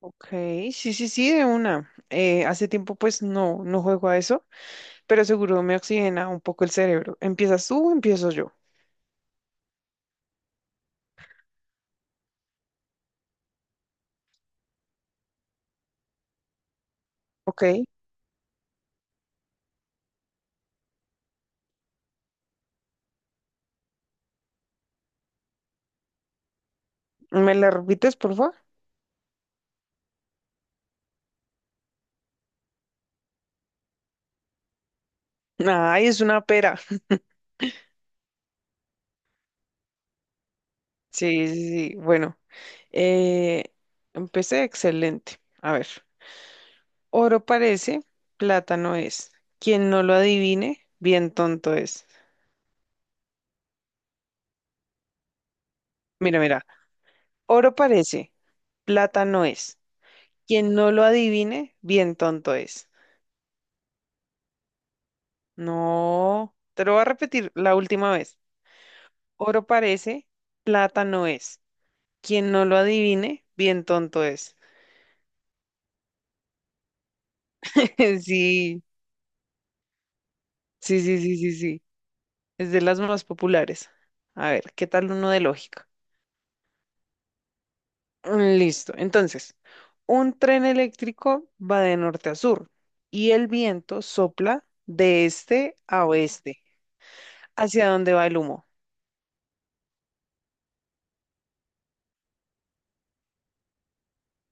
Ok, sí, sí, sí, de una. Hace tiempo pues no, no juego a eso, pero seguro me oxigena un poco el cerebro. ¿Empiezas tú o empiezo yo? Ok, ¿me la repites, por favor? Ay, es una pera. Sí, sí, sí. Bueno, eh, empecé excelente. A ver, oro parece, plata no es. Quien no lo adivine, bien tonto es. Mira, mira, oro parece, plata no es. Quien no lo adivine, bien tonto es. No, te lo voy a repetir la última vez. Oro parece, plata no es. Quien no lo adivine, bien tonto es. Sí, sí, sí, sí, sí, sí. Es de las más populares. A ver, ¿qué tal uno de lógica? Mm, listo. Entonces, un tren eléctrico va de norte a sur y el viento sopla de este a oeste. ¿Hacia dónde va el humo?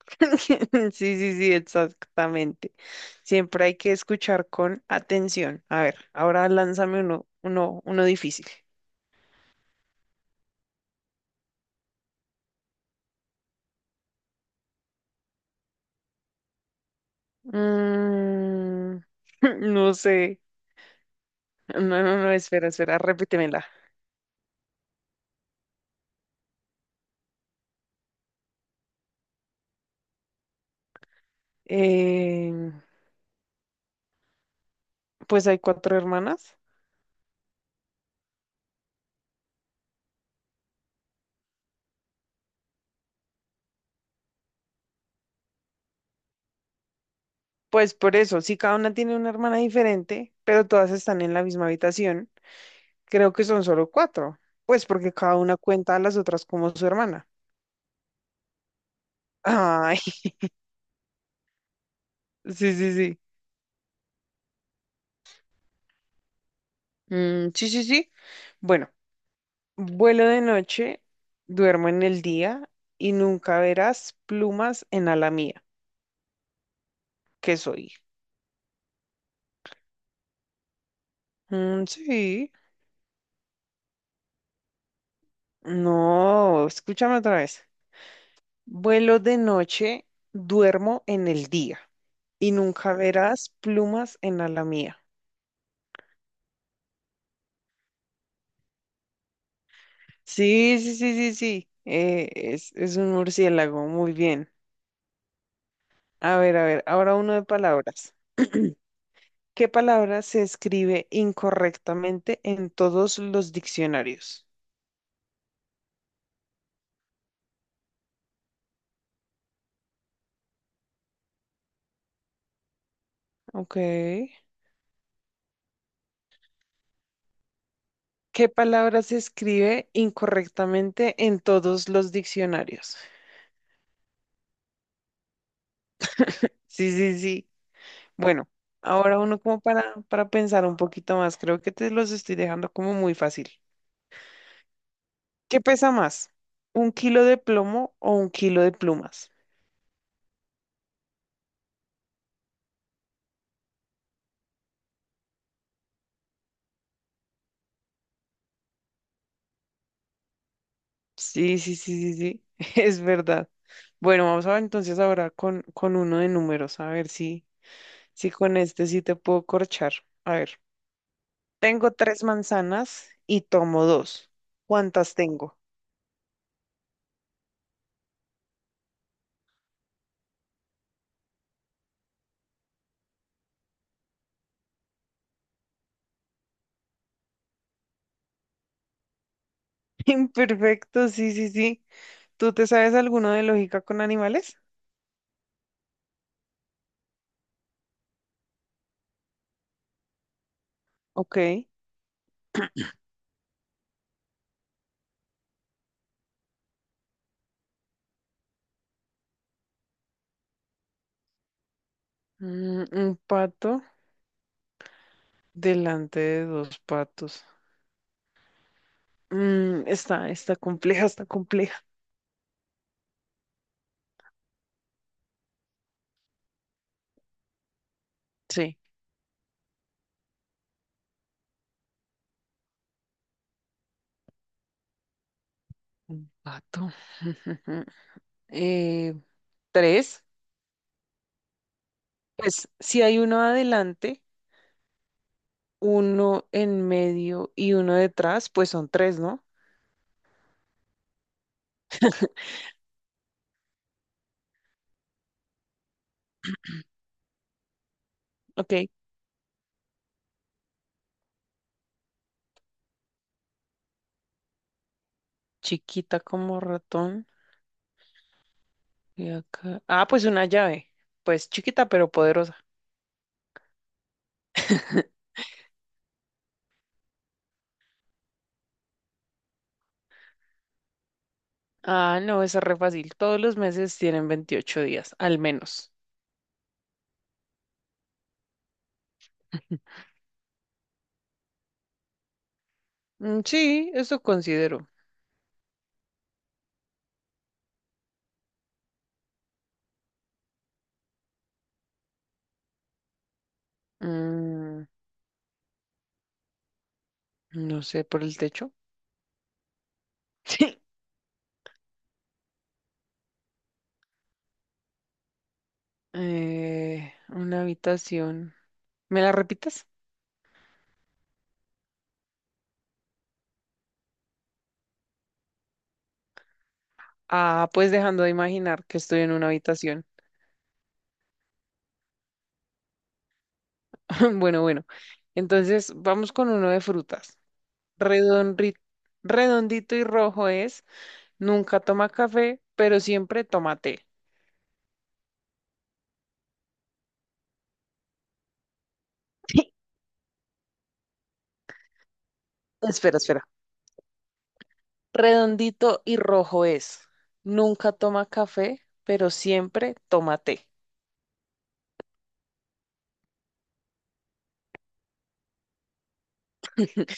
Sí, sí, sí, exactamente. Siempre hay que escuchar con atención. A ver, ahora lánzame uno difícil. Mm, no sé. No, no, no, espera, espera, repítemela. Eh, pues hay cuatro hermanas. Pues por eso, si cada una tiene una hermana diferente, pero todas están en la misma habitación, creo que son solo cuatro. Pues porque cada una cuenta a las otras como su hermana. Ay, sí, sí, sí. Mm, sí, sí, sí. Bueno, vuelo de noche, duermo en el día y nunca verás plumas en ala mía. ¿Qué soy? Mm, sí. No, escúchame otra vez. Vuelo de noche, duermo en el día y nunca verás plumas en ala mía. Sí, sí, sí, sí, sí. Es un murciélago, muy bien. A ver, ahora uno de palabras. ¿Qué palabra se escribe incorrectamente en todos los diccionarios? Ok. ¿Qué palabra se escribe incorrectamente en todos los diccionarios? Sí, sí, sí. Bueno, ahora uno como para pensar un poquito más. Creo que te los estoy dejando como muy fácil. ¿Qué pesa más? ¿Un kilo de plomo o un kilo de plumas? Sí, sí, sí, sí, sí. Es verdad. Bueno, vamos a ver entonces ahora con uno de números, a ver si... Sí, con este sí te puedo corchar. A ver, tengo tres manzanas y tomo dos. ¿Cuántas tengo? Imperfecto, sí, sí, sí. ¿Tú te sabes alguno de lógica con animales? Ok. Un pato delante de dos patos. Está compleja, está compleja. Sí, un pato. Eh, Tres. Pues si hay uno adelante, uno en medio y uno detrás, pues son tres, ¿no? Ok. Chiquita como ratón. Y acá. Ah, pues una llave. Pues chiquita pero poderosa. Ah, no, es re fácil. Todos los meses tienen 28 días, al menos. Mm, sí, eso considero. Mm, no sé, por el techo. Sí. Una habitación. ¿Me la repitas? Ah, pues dejando de imaginar que estoy en una habitación. Bueno, bueno. Entonces, vamos con uno de frutas. Redonri- Redondito y rojo es. Nunca toma café, pero siempre toma té. Espera, espera. Redondito y rojo es. Nunca toma café, pero siempre toma té.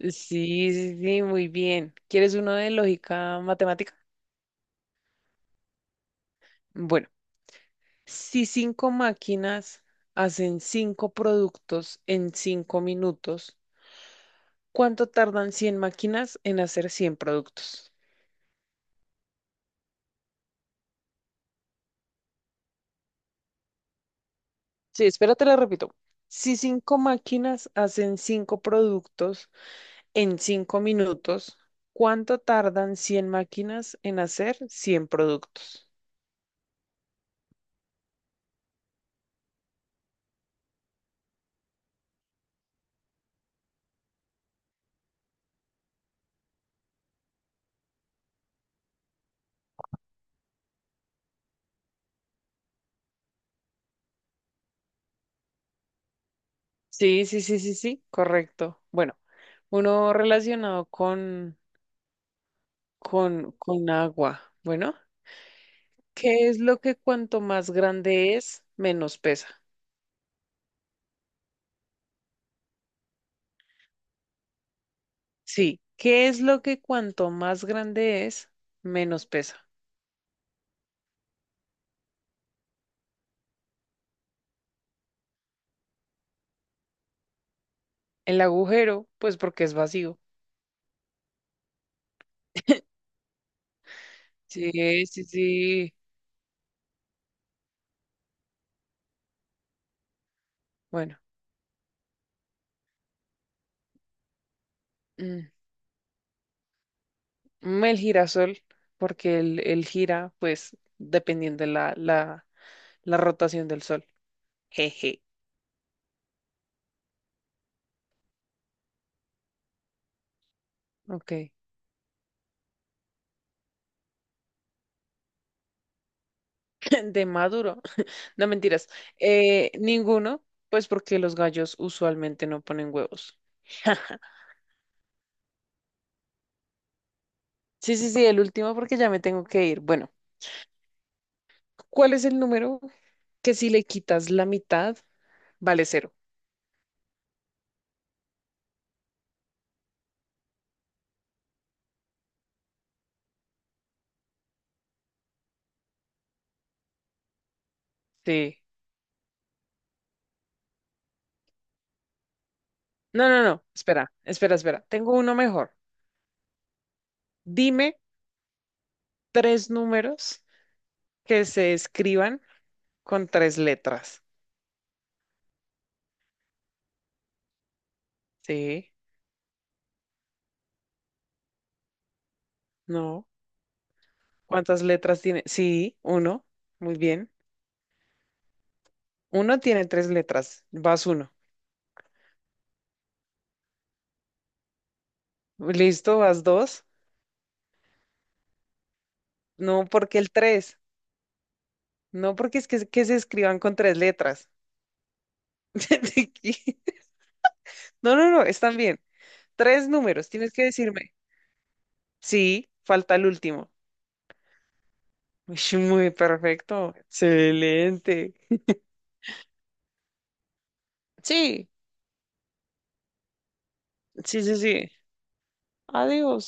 Sí, sí, sí, muy bien. ¿Quieres uno de lógica matemática? Bueno, si cinco máquinas hacen cinco productos en 5 minutos, ¿cuánto tardan 100 máquinas en hacer 100 productos? Sí, espérate, lo repito. Si cinco máquinas hacen cinco productos en cinco minutos, ¿cuánto tardan 100 máquinas en hacer 100 productos? Sí, sí, sí, sí, sí, correcto. Bueno, uno relacionado con agua. Bueno, ¿qué es lo que cuanto más grande es, menos pesa? Sí, ¿qué es lo que cuanto más grande es, menos pesa? El agujero, pues porque es vacío. Sí, sí, sí. Bueno. mm, El girasol, porque el gira, pues, dependiendo de la rotación del sol. Jeje. Ok. De Maduro. No mentiras. Ninguno, pues porque los gallos usualmente no ponen huevos. Sí, sí, sí, el último porque ya me tengo que ir. Bueno, ¿cuál es el número que si le quitas la mitad vale cero? Sí. No, no, no. Espera, espera, espera. Tengo uno mejor. Dime tres números que se escriban. Con tres letras. Sí, no. ¿Cuántas letras tiene? Sí, uno. Muy bien. Uno tiene tres letras. Vas uno. Listo, vas dos. No, porque el tres. No, porque es que se escriban con tres letras. No, no, no, están bien. Tres números, tienes que decirme. Sí, falta el último. Ush, muy perfecto. Excelente. Sí, sí, sí, sí. Adiós.